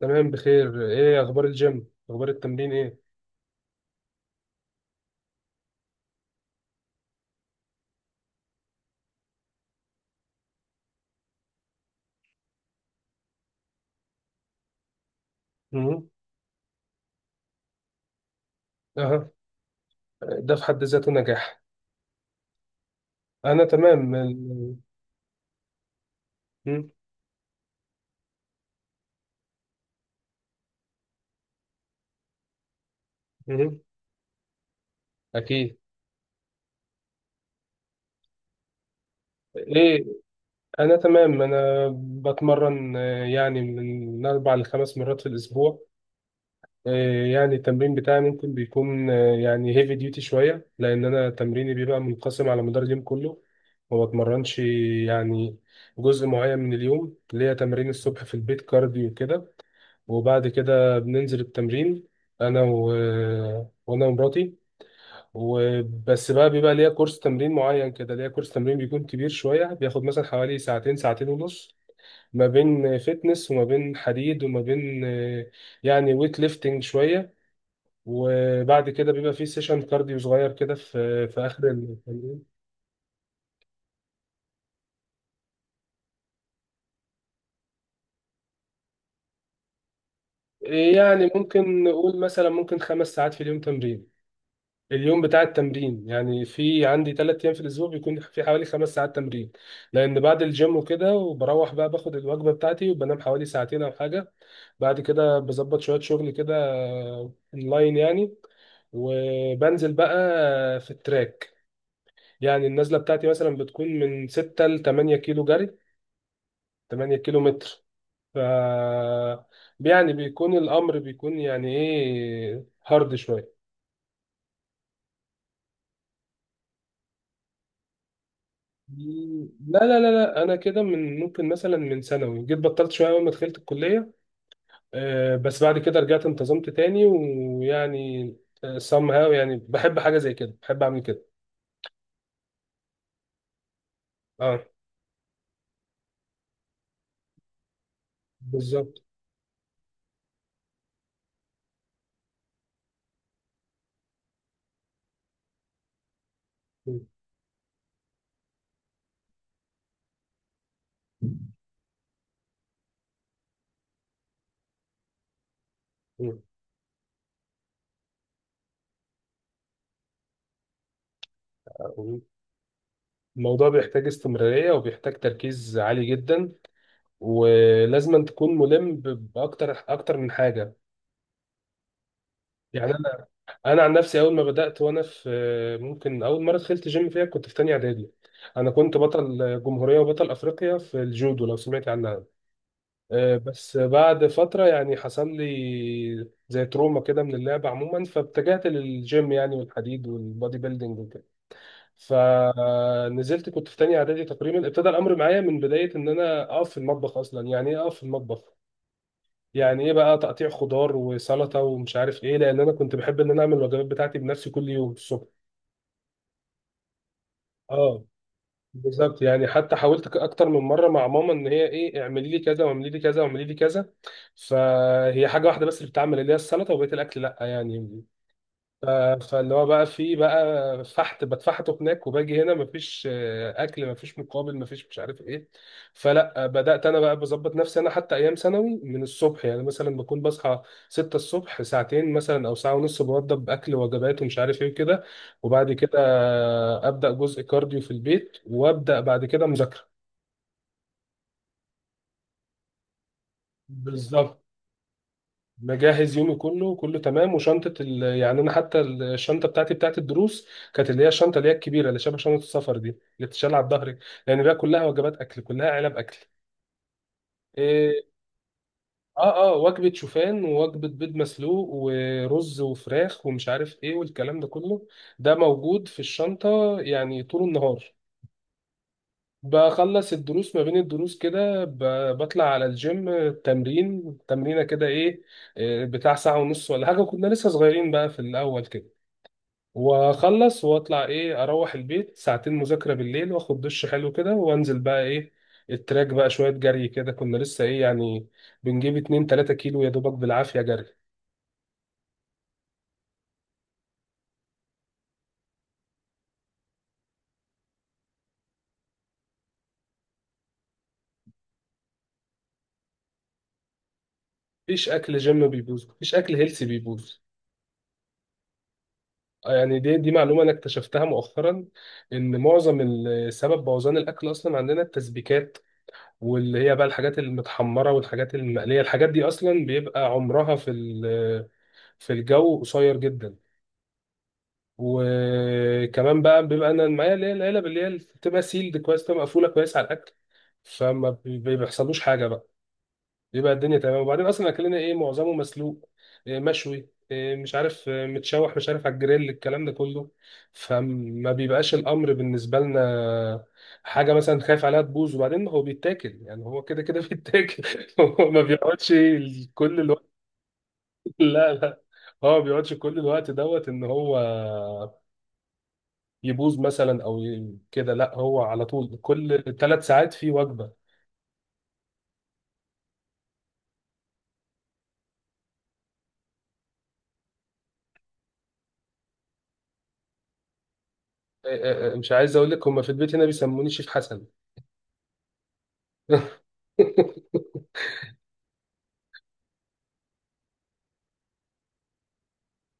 تمام، بخير. ايه اخبار الجيم، اخبار التمرين؟ ايه. مم. اها. ده في حد ذاته نجاح. انا تمام مم. مم. اكيد. ايه. انا تمام، انا بتمرن، يعني من اربع لخمس مرات في الاسبوع. يعني التمرين بتاعي ممكن بيكون، يعني هيفي ديوتي شويه، لان انا تمريني بيبقى منقسم على مدار اليوم كله. ما بتمرنش، يعني، جزء معين من اليوم. ليا تمرين الصبح في البيت كارديو كده. وبعد كده بننزل التمرين. انا و... وانا ومراتي. وبس بقى، بيبقى ليا كورس تمرين معين كده، ليا كورس تمرين بيكون كبير شوية، بياخد مثلا حوالي ساعتين، ساعتين ونص. ما بين فتنس وما بين حديد وما بين يعني ويت ليفتنج شوية. وبعد كده بيبقى فيه سيشن كارديو صغير كده في آخر التمرين. يعني ممكن نقول مثلا ممكن خمس ساعات في اليوم تمرين. اليوم بتاع التمرين يعني، في عندي ثلاث ايام في الاسبوع بيكون في حوالي خمس ساعات تمرين. لان بعد الجيم وكده، وبروح بقى باخد الوجبه بتاعتي وبنام حوالي ساعتين او حاجه. بعد كده بظبط شويه شغل كده، اونلاين يعني. وبنزل بقى في التراك. يعني النزله بتاعتي مثلا بتكون من 6 ل 8 كيلو جري، 8 كيلو متر. ف، يعني، بيكون الامر، بيكون يعني ايه، هارد شويه. مم. لا لا لا لا، انا كده من، ممكن مثلا، من ثانوي جيت بطلت شويه اول ما دخلت الكليه. بس بعد كده رجعت، انتظمت تاني، ويعني، سام هاو، يعني بحب حاجه زي كده، بحب اعمل كده. اه، بالظبط. م- م. الموضوع بيحتاج استمراريه، وبيحتاج تركيز عالي جدا. ولازم أن تكون ملم باكتر من حاجه. يعني انا عن نفسي، اول ما بدات وانا في، ممكن اول مره دخلت جيم فيها كنت في تانية اعدادي. انا كنت بطل جمهوريه وبطل افريقيا في الجودو، لو سمعت عنها. بس بعد فتره، يعني حصل لي زي تروما كده من اللعبه عموما، فاتجهت للجيم، يعني، والحديد والبودي بيلدينج وكده. فنزلت كنت في تانية اعدادي تقريبا. ابتدى الامر معايا من بدايه ان انا اقف في المطبخ اصلا. يعني ايه اقف في المطبخ؟ يعني ايه بقى؟ تقطيع خضار وسلطه ومش عارف ايه، لان انا كنت بحب ان انا اعمل الوجبات بتاعتي بنفسي كل يوم الصبح. اه، بالظبط. يعني حتى حاولت اكتر من مره مع ماما ان هي، ايه، اعملي لي كذا واعملي لي كذا واعملي لي كذا. فهي حاجه واحده بس اللي بتعمل، اللي هي السلطه. وبقيه الاكل لا، يعني، ف- فاللي هو بقى، في بقى، فحت بتفحته هناك، وباجي هنا مفيش اكل، مفيش مقابل، مفيش، مش عارف ايه. فلا، بدات انا بقى بظبط نفسي انا، حتى ايام ثانوي، من الصبح يعني، مثلا بكون بصحى 6 الصبح، ساعتين مثلا او ساعه ونص بوضب اكل، وجبات ومش عارف ايه كده. وبعد كده ابدا جزء كارديو في البيت، وابدا بعد كده مذاكره. بالظبط. مجهز يومي كله كله تمام، وشنطه يعني انا حتى الشنطه بتاعتي بتاعت الدروس كانت اللي هي الشنطه اللي هي الكبيره اللي شبه شنطه السفر دي اللي بتتشال على الظهر. لان بقى كلها وجبات اكل، كلها علب اكل. إيه... اه اه، وجبه شوفان ووجبه بيض مسلوق ورز وفراخ ومش عارف ايه والكلام ده كله. ده موجود في الشنطه يعني طول النهار. بخلص الدروس، ما بين الدروس كده، بطلع على الجيم تمرين، تمرينة كده، ايه، إيه، بتاع ساعة ونص ولا حاجة. كنا لسه صغيرين بقى في الأول كده. واخلص واطلع، ايه، اروح البيت، ساعتين مذاكرة بالليل، واخد دش حلو كده، وانزل بقى ايه التراك بقى شوية جري كده. كنا لسه ايه يعني، بنجيب 2 3 كيلو يا دوبك بالعافية جري. مفيش اكل جيم بيبوظ، مفيش اكل هيلثي بيبوظ. يعني دي معلومة أنا اكتشفتها مؤخرا. إن معظم سبب بوظان الأكل أصلا عندنا التسبيكات، واللي هي بقى الحاجات المتحمرة والحاجات المقلية. الحاجات دي أصلا بيبقى عمرها في الجو قصير جدا. وكمان بقى بيبقى أنا معايا اللي هي العلب اللي هي بتبقى سيلد كويس، بتبقى مقفولة كويس على الأكل، فما بيحصلوش حاجة بقى. يبقى الدنيا تمام. وبعدين اصلا اكلنا ايه؟ معظمه مسلوق، إيه مشوي، إيه مش عارف إيه، متشوح، مش عارف، على الجريل، الكلام ده كله، فما بيبقاش الامر بالنسبه لنا حاجه مثلا خايف عليها تبوظ. وبعدين هو بيتاكل، يعني هو كده كده بيتاكل. هو ما بيقعدش كل الوقت. لا لا، هو ما بيقعدش كل الوقت دوت ان هو يبوظ مثلا او كده. لا، هو على طول كل ثلاث ساعات في وجبه. إيه إيه إيه، مش عايز اقول لك، هم في البيت هنا بيسموني شيف حسن.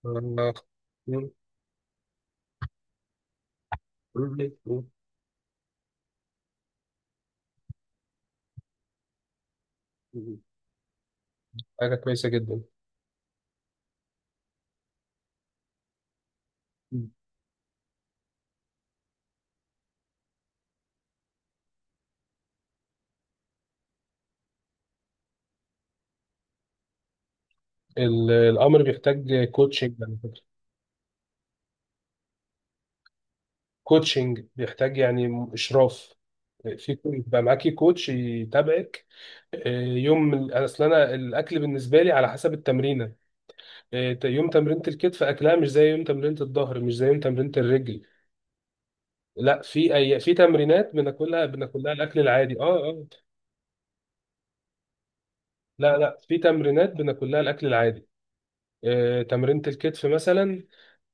آه، حاجة كويسة جدا. الأمر بيحتاج كوتشنج على فكرة. كوتشنج بيحتاج يعني إشراف. يبقى معاكي كوتش يتابعك. يوم أصل أنا الأكل بالنسبة لي على حسب التمرينة. يوم تمرينة الكتف أكلها مش زي يوم تمرينة الظهر، مش زي يوم تمرينة الرجل. لا، في أي، في تمرينات بناكلها الأكل العادي، أه أه. لا لا، في تمرينات بناكلها الأكل العادي. تمرينة الكتف مثلا،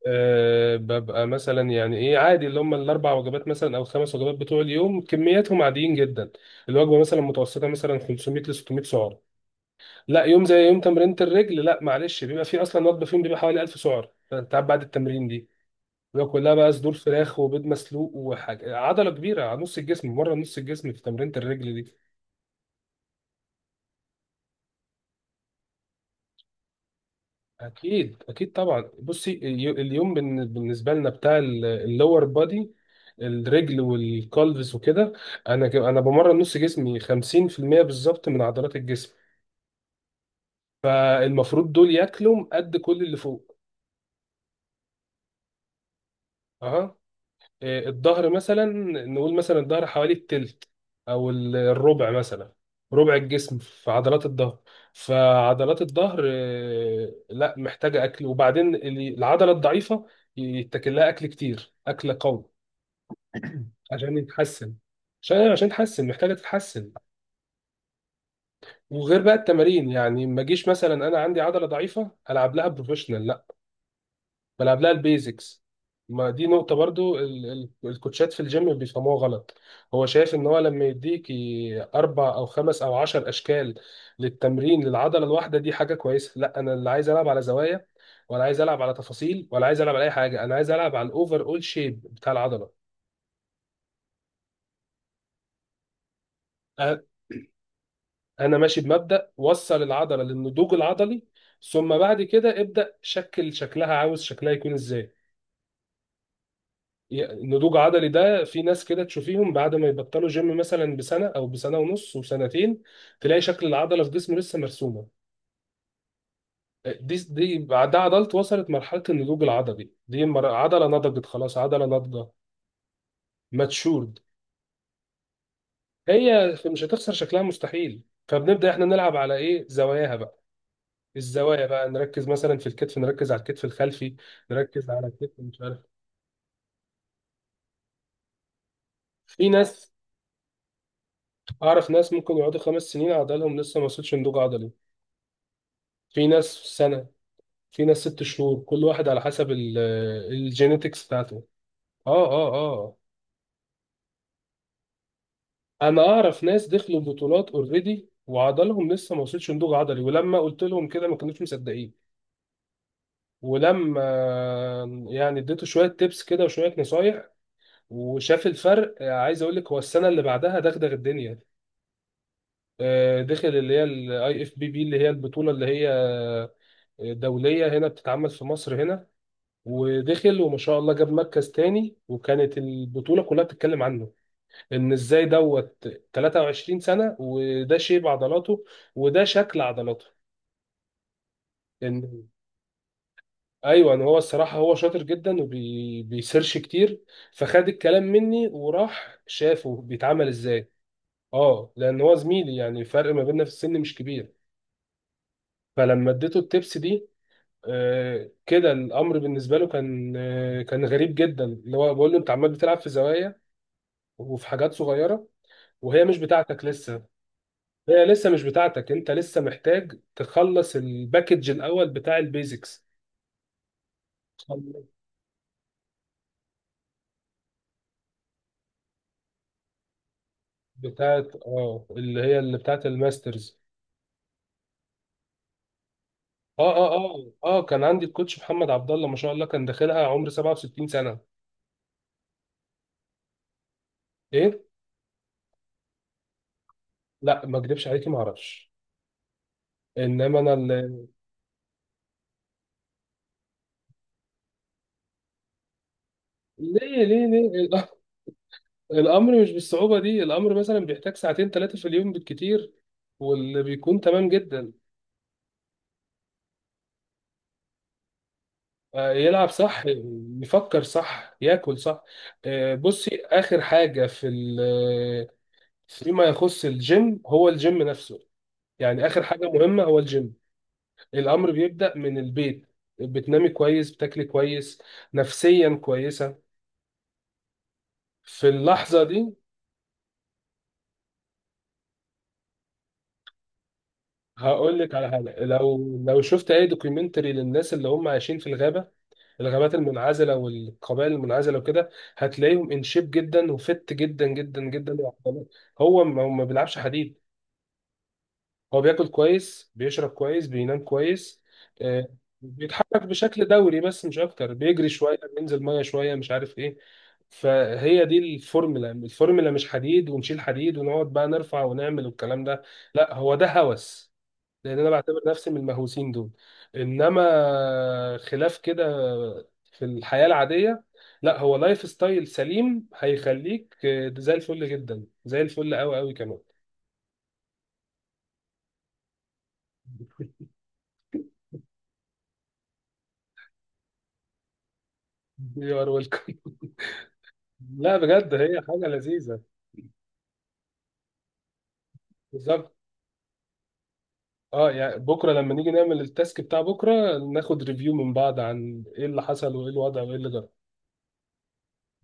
أه، ببقى مثلا يعني ايه عادي، اللي هم الاربع وجبات مثلا او الخمس وجبات بتوع اليوم كمياتهم عاديين جدا. الوجبه مثلا متوسطه، مثلا 500 ل 600 سعر. لا، يوم زي يوم تمرينة الرجل، لا معلش، بيبقى فيه اصلا وجبه فيهم بيبقى حوالي 1000 سعر، فانت قاعد بعد التمرين دي. بيبقى كلها بقى صدور فراخ وبيض مسلوق وحاجه، عضله كبيره على نص الجسم، مره، نص الجسم في تمرينة الرجل دي. اكيد اكيد طبعا. بصي، اليوم بالنسبه لنا بتاع اللور بادي، الرجل والكالفس وكده. انا بمرن نص جسمي 50% بالظبط من عضلات الجسم. المفروض دول ياكلوا قد كل اللي فوق. اها. إيه، الظهر مثلا، نقول مثلا الظهر حوالي التلت، او الربع مثلا، ربع الجسم في عضلات الظهر. فعضلات الظهر، إيه، لا محتاجه اكل. وبعدين العضله الضعيفه يتاكل لها اكل كتير، اكل قوي، عشان يتحسن. عشان تتحسن، محتاجه تتحسن. وغير بقى التمارين. يعني ما اجيش مثلا انا عندي عضله ضعيفه العب لها بروفيشنال، لا، بلعب لها البيزكس. ما دي نقطه برضو الكوتشات في الجيم بيفهموها غلط. هو شايف ان هو لما يديك اربع او خمس او عشر اشكال للتمرين للعضله الواحده دي حاجه كويسه. لا، انا اللي عايز العب على زوايا، ولا عايز العب على تفاصيل، ولا عايز العب على اي حاجه. انا عايز العب على الاوفر اول شيب بتاع العضله. انا ماشي بمبدأ وصل العضلة للنضوج العضلي، ثم بعد كده ابدأ شكل شكلها، عاوز شكلها يكون ازاي. النضوج عضلي ده، في ناس كده تشوفيهم بعد ما يبطلوا جيم مثلا بسنة او بسنة ونص وسنتين، تلاقي شكل العضلة في جسمه لسه مرسومة. دي بعدها عضلت وصلت مرحلة النضوج العضلي دي، عضلة نضجت خلاص، عضلة ناضجة، ماتشورد. هي مش هتخسر شكلها مستحيل. فبنبدأ احنا نلعب على ايه، زواياها بقى. الزوايا بقى نركز مثلا في الكتف، نركز على الكتف الخلفي، نركز على الكتف، مش عارف. في ناس، اعرف ناس ممكن يقعدوا خمس سنين عضلهم لسه ما وصلش نضوج عضلي. في ناس سنة، في ناس ست شهور، كل واحد على حسب الجينيتكس بتاعته. اه اه اه. انا اعرف ناس دخلوا بطولات اوريدي وعضلهم لسه ما وصلش نضوج عضلي، ولما قلت لهم كده ما كانوش مصدقين. ولما، يعني، اديته شويه تيبس كده وشويه نصايح، وشاف الفرق، عايز اقول لك هو السنه اللي بعدها دغدغ الدنيا. دخل اللي هي الاي اف بي بي اللي هي البطوله اللي هي دوليه، هنا بتتعمل في مصر هنا، ودخل وما شاء الله جاب مركز تاني، وكانت البطوله كلها بتتكلم عنه، ان ازاي دوت 23 سنه وده شيب عضلاته وده شكل عضلاته. ان، ايوه، ان هو الصراحه هو شاطر جدا وبيسيرش كتير. فخد الكلام مني وراح شافه بيتعمل ازاي. اه، لان هو زميلي يعني، الفرق ما بيننا في السن مش كبير. فلما اديته التبس دي، كده الامر بالنسبه له كان، كان غريب جدا، اللي هو بقول له انت عمال بتلعب في زوايا وفي حاجات صغيره وهي مش بتاعتك لسه. هي لسه مش بتاعتك، انت لسه محتاج تخلص الباكج الاول بتاع البيزكس. بتاعت اه، اللي بتاعت الماسترز. اه اه اه. اه كان عندي الكوتش محمد عبد الله ما شاء الله كان داخلها عمر 67 سنه. ايه. لا ما اكدبش عليكي، ما اعرفش. انما انا ليه ليه ليه. الامر مش بالصعوبه دي. الامر مثلا بيحتاج ساعتين ثلاثه في اليوم بالكتير، واللي بيكون تمام جدا. يلعب صح، يفكر صح، ياكل صح. بصي اخر حاجه في ال- آه، فيما يخص الجيم، هو الجيم نفسه يعني اخر حاجه مهمه، هو الجيم. الامر بيبدا من البيت، بتنامي كويس، بتاكلي كويس، نفسيا كويسه، في اللحظه دي. هقول لك على حاجه، لو شفت اي دوكيومنتري للناس اللي هم عايشين في الغابه، الغابات المنعزله والقبائل المنعزله وكده، هتلاقيهم ان شيب جدا وفت جدا جدا جدا لوحدهم. هو ما بيلعبش حديد. هو بياكل كويس، بيشرب كويس، بينام كويس. آه، بيتحرك بشكل دوري بس مش اكتر، بيجري شويه، بينزل ميه شويه، مش عارف ايه. فهي دي الفورمولا، مش حديد ونشيل حديد ونقعد بقى نرفع ونعمل والكلام ده. لا، هو ده هوس، لان انا بعتبر نفسي من المهووسين دول. انما خلاف كده، في الحياه العاديه، لا، هو لايف ستايل سليم هيخليك زي الفل جدا، زي الفل قوي قوي كمان. يو ار ويلكم. لا بجد، هي حاجه لذيذه. بالظبط. اه يعني بكره لما نيجي نعمل التاسك بتاع بكره ناخد ريفيو من بعض عن ايه اللي حصل وايه الوضع وايه اللي جرى